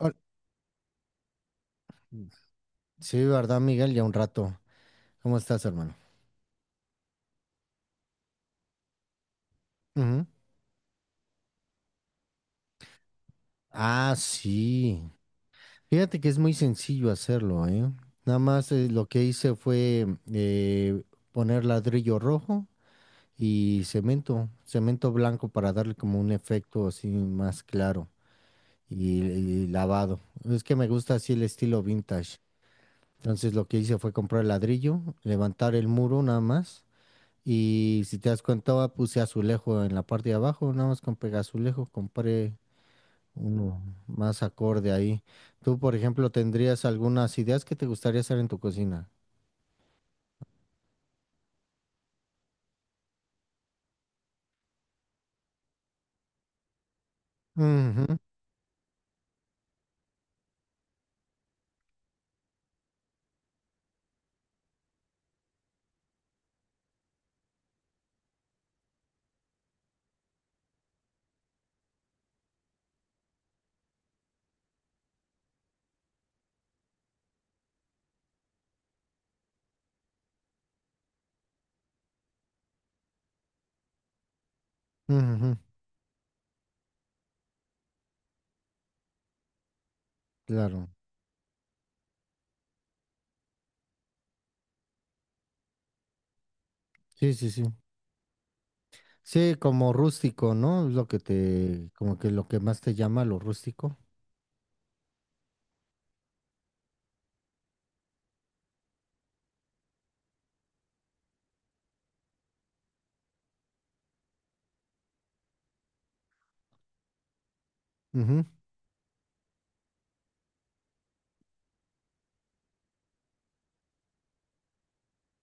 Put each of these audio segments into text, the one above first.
Hol- Sí, ¿verdad, Miguel? Ya un rato. ¿Cómo estás, hermano? Ujú. Ah, sí. Fíjate que es muy sencillo hacerlo, ¿eh? Nada más lo que hice fue eh, poner ladrillo rojo y cemento, cemento blanco para darle como un efecto así más claro y lavado. Es que me gusta así el estilo vintage. Entonces lo que hice fue comprar el ladrillo, levantar el muro nada más. Y si te das cuenta, va, puse azulejo en la parte de abajo, nada más con pegazulejo compré uno más acorde ahí. Tú, por ejemplo, ¿tendrías algunas ideas que te gustaría hacer en tu cocina? Ujú, ujú, claro. Sí, sí, sí. Sí, como rústico, ¿no? Es lo que te, como que lo que más te llama lo rústico. Ujú,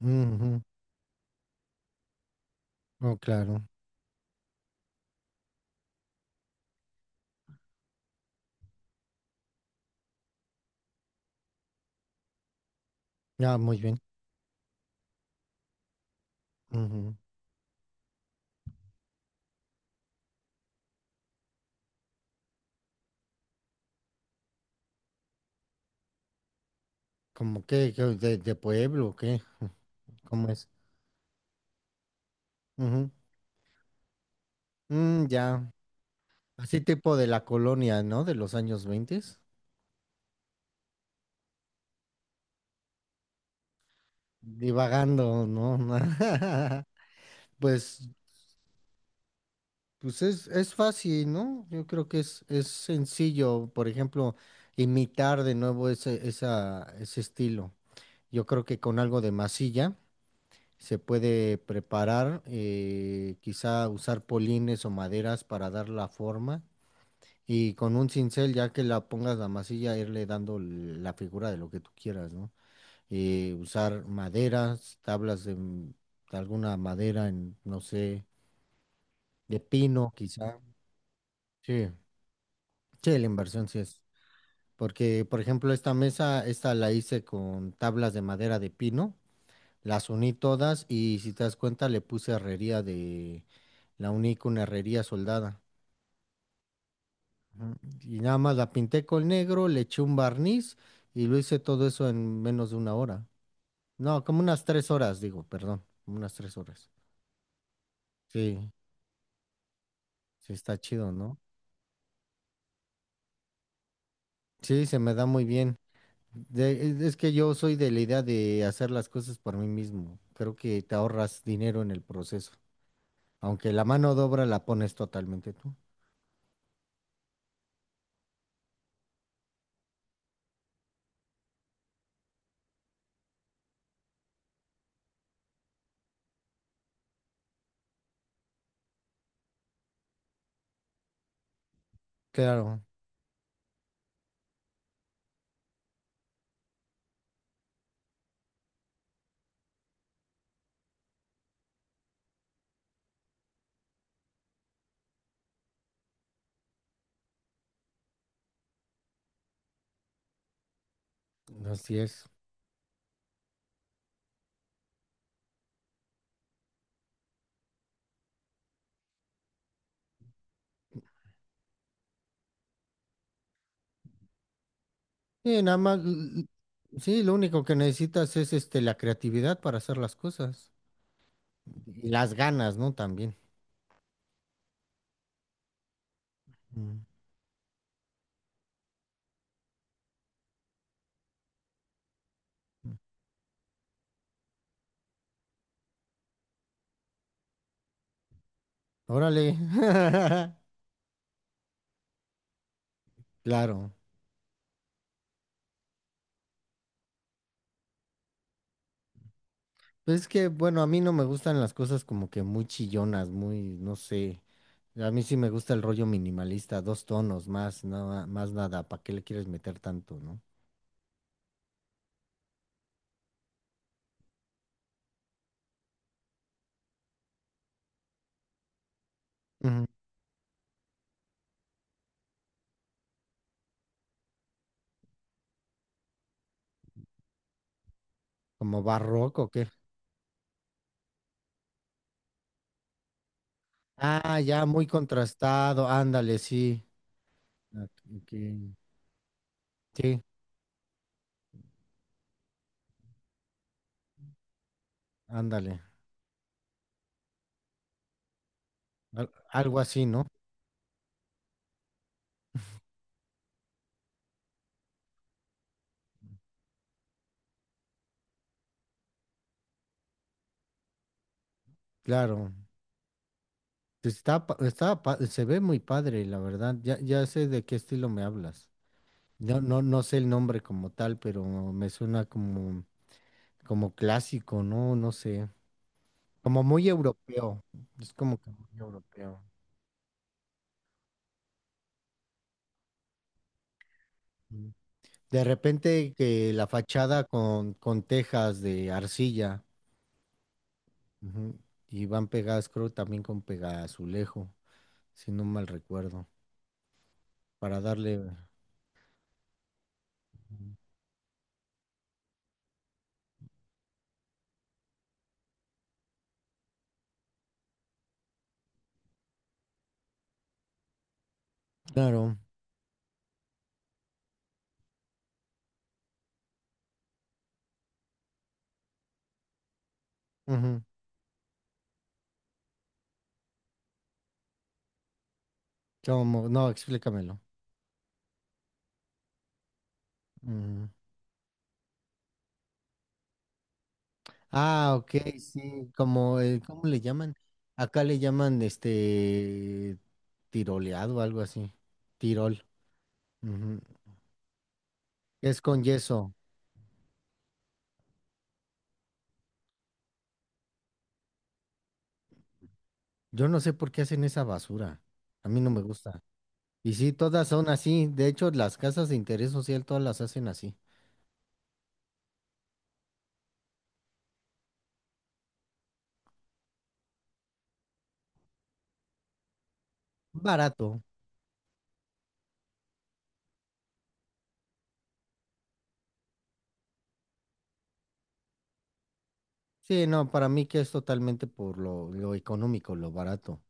ujú. Oh, claro. Ya, muy bien. Ujú. ¿Como qué? ¿De pueblo o qué? ¿Cómo es? Ujú. Mm, ya. Así tipo de la colonia, ¿no? De los años 20. Divagando, ¿no? Pues, pues es, fácil, ¿no? Yo creo que es sencillo, por ejemplo, imitar de nuevo ese estilo. Yo creo que con algo de masilla se puede preparar, quizá usar polines o maderas para dar la forma y con un cincel, ya que la pongas la masilla, irle dando la figura de lo que tú quieras, ¿no? Usar maderas, tablas de, de alguna madera, en, no sé, de pino quizá. Sí, sí, la inversión sí es. Porque, por ejemplo, esta mesa, esta la hice con tablas de madera de pino, las uní todas y si te das cuenta le puse herrería de, la uní con herrería soldada. Ujú. Y nada más la pinté con negro, le eché un barniz y lo hice todo eso en menos de una hora. No, como unas 3 horas, digo, perdón, como unas 3 horas. Sí. Sí, está chido, ¿no? Sí, se me da muy bien. Es que yo soy de la idea de hacer las cosas por mí mismo. Creo que te ahorras dinero en el proceso. Aunque la mano de obra la pones totalmente tú. Claro, así es. Sí, nada más, sí, lo único que necesitas es este la creatividad para hacer las cosas. Y las ganas, ¿no? También. Mm. Órale. Claro. Pues es que, bueno, a mí no me gustan las cosas como que muy chillonas, muy, no sé. A mí sí me gusta el rollo minimalista, dos tonos más, nada, más nada. ¿Para qué le quieres meter tanto, no? Ujú. ¿Como barroco o qué? Ah, ya, muy contrastado, ándale, sí. Ah, ok. Ok. Sí, ándale. Algo así, ¿no? Claro. Pues está, está, se ve muy padre, la verdad. Ya, ya sé de qué estilo me hablas. No, no, no sé el nombre como tal, pero me suena como. Como clásico, ¿no? No sé. Como muy europeo. Es como que muy europeo. Ujú. De repente que la fachada con tejas de arcilla. Ujú, y van pegadas, creo, también con azulejo, si no mal recuerdo. Para darle. Ujú. Claro. Ujú. Como, no, explícamelo. Ujú. Ah, ok, sí. Como el, ¿cómo le llaman? Acá le llaman este tiroleado o algo así. Tirol. Ujú. Es con yeso. Yo no sé por qué hacen esa basura. A mí no me gusta. Y sí, todas son así. De hecho, las casas de interés social todas las hacen así. Barato. Sí, no, para mí que es totalmente por lo económico, lo barato.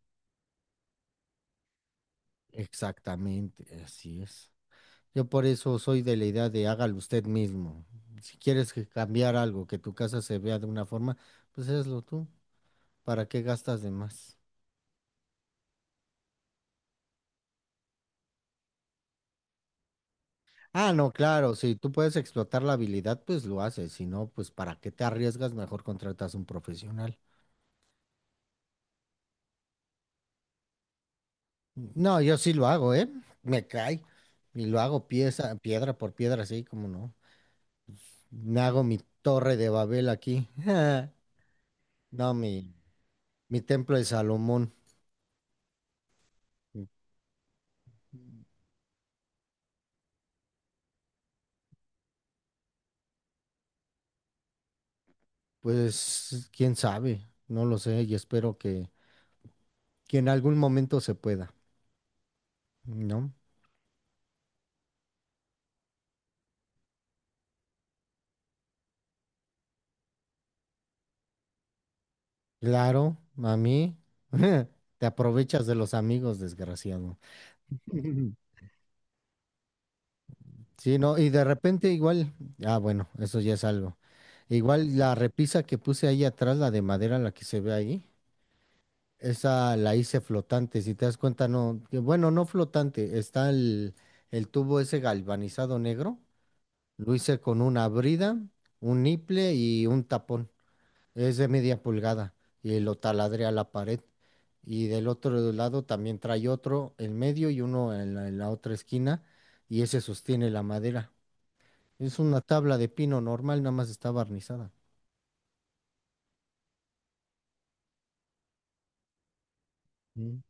Exactamente, así es. Yo por eso soy de la idea de hágalo usted mismo. Si quieres que cambiar algo, que tu casa se vea de una forma, pues hazlo tú. ¿Para qué gastas de más? Ah, no, claro, si tú puedes explotar la habilidad, pues lo haces, si no, pues para qué te arriesgas, mejor contratas un profesional. No, yo sí lo hago, ¿eh? Me cae y lo hago pieza, piedra por piedra, así como no. Me hago mi torre de Babel aquí. No, mi templo de Salomón. Pues quién sabe, no lo sé y espero que en algún momento se pueda, ¿no? Claro, a mí. Te aprovechas de los amigos, desgraciado. Sí, no, y de repente igual, ah, bueno, eso ya es algo. Igual la repisa que puse ahí atrás, la de madera, la que se ve ahí, esa la hice flotante, si te das cuenta, no, que bueno, no flotante, está el tubo ese galvanizado negro, lo hice con una brida, un niple y un tapón, es de media pulgada, y lo taladré a la pared. Y del otro lado también trae otro en medio y uno en la otra esquina, y ese sostiene la madera. Es una tabla de pino normal, nada más está barnizada. Mm.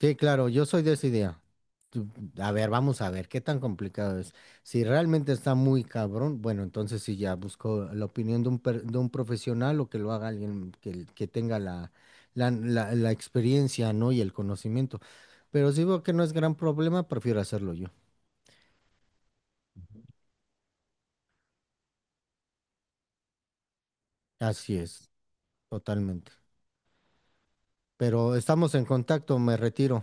Sí, claro, yo soy de esa idea. Tú- A ver, vamos a ver qué tan complicado es. Si realmente está muy cabrón, bueno, entonces sí ya busco la opinión de un profesional o que lo haga alguien que tenga la, la, la experiencia, ¿no? Y el conocimiento. Pero si veo que no es gran problema, prefiero hacerlo yo. Así es, totalmente. Pero estamos en contacto, me retiro.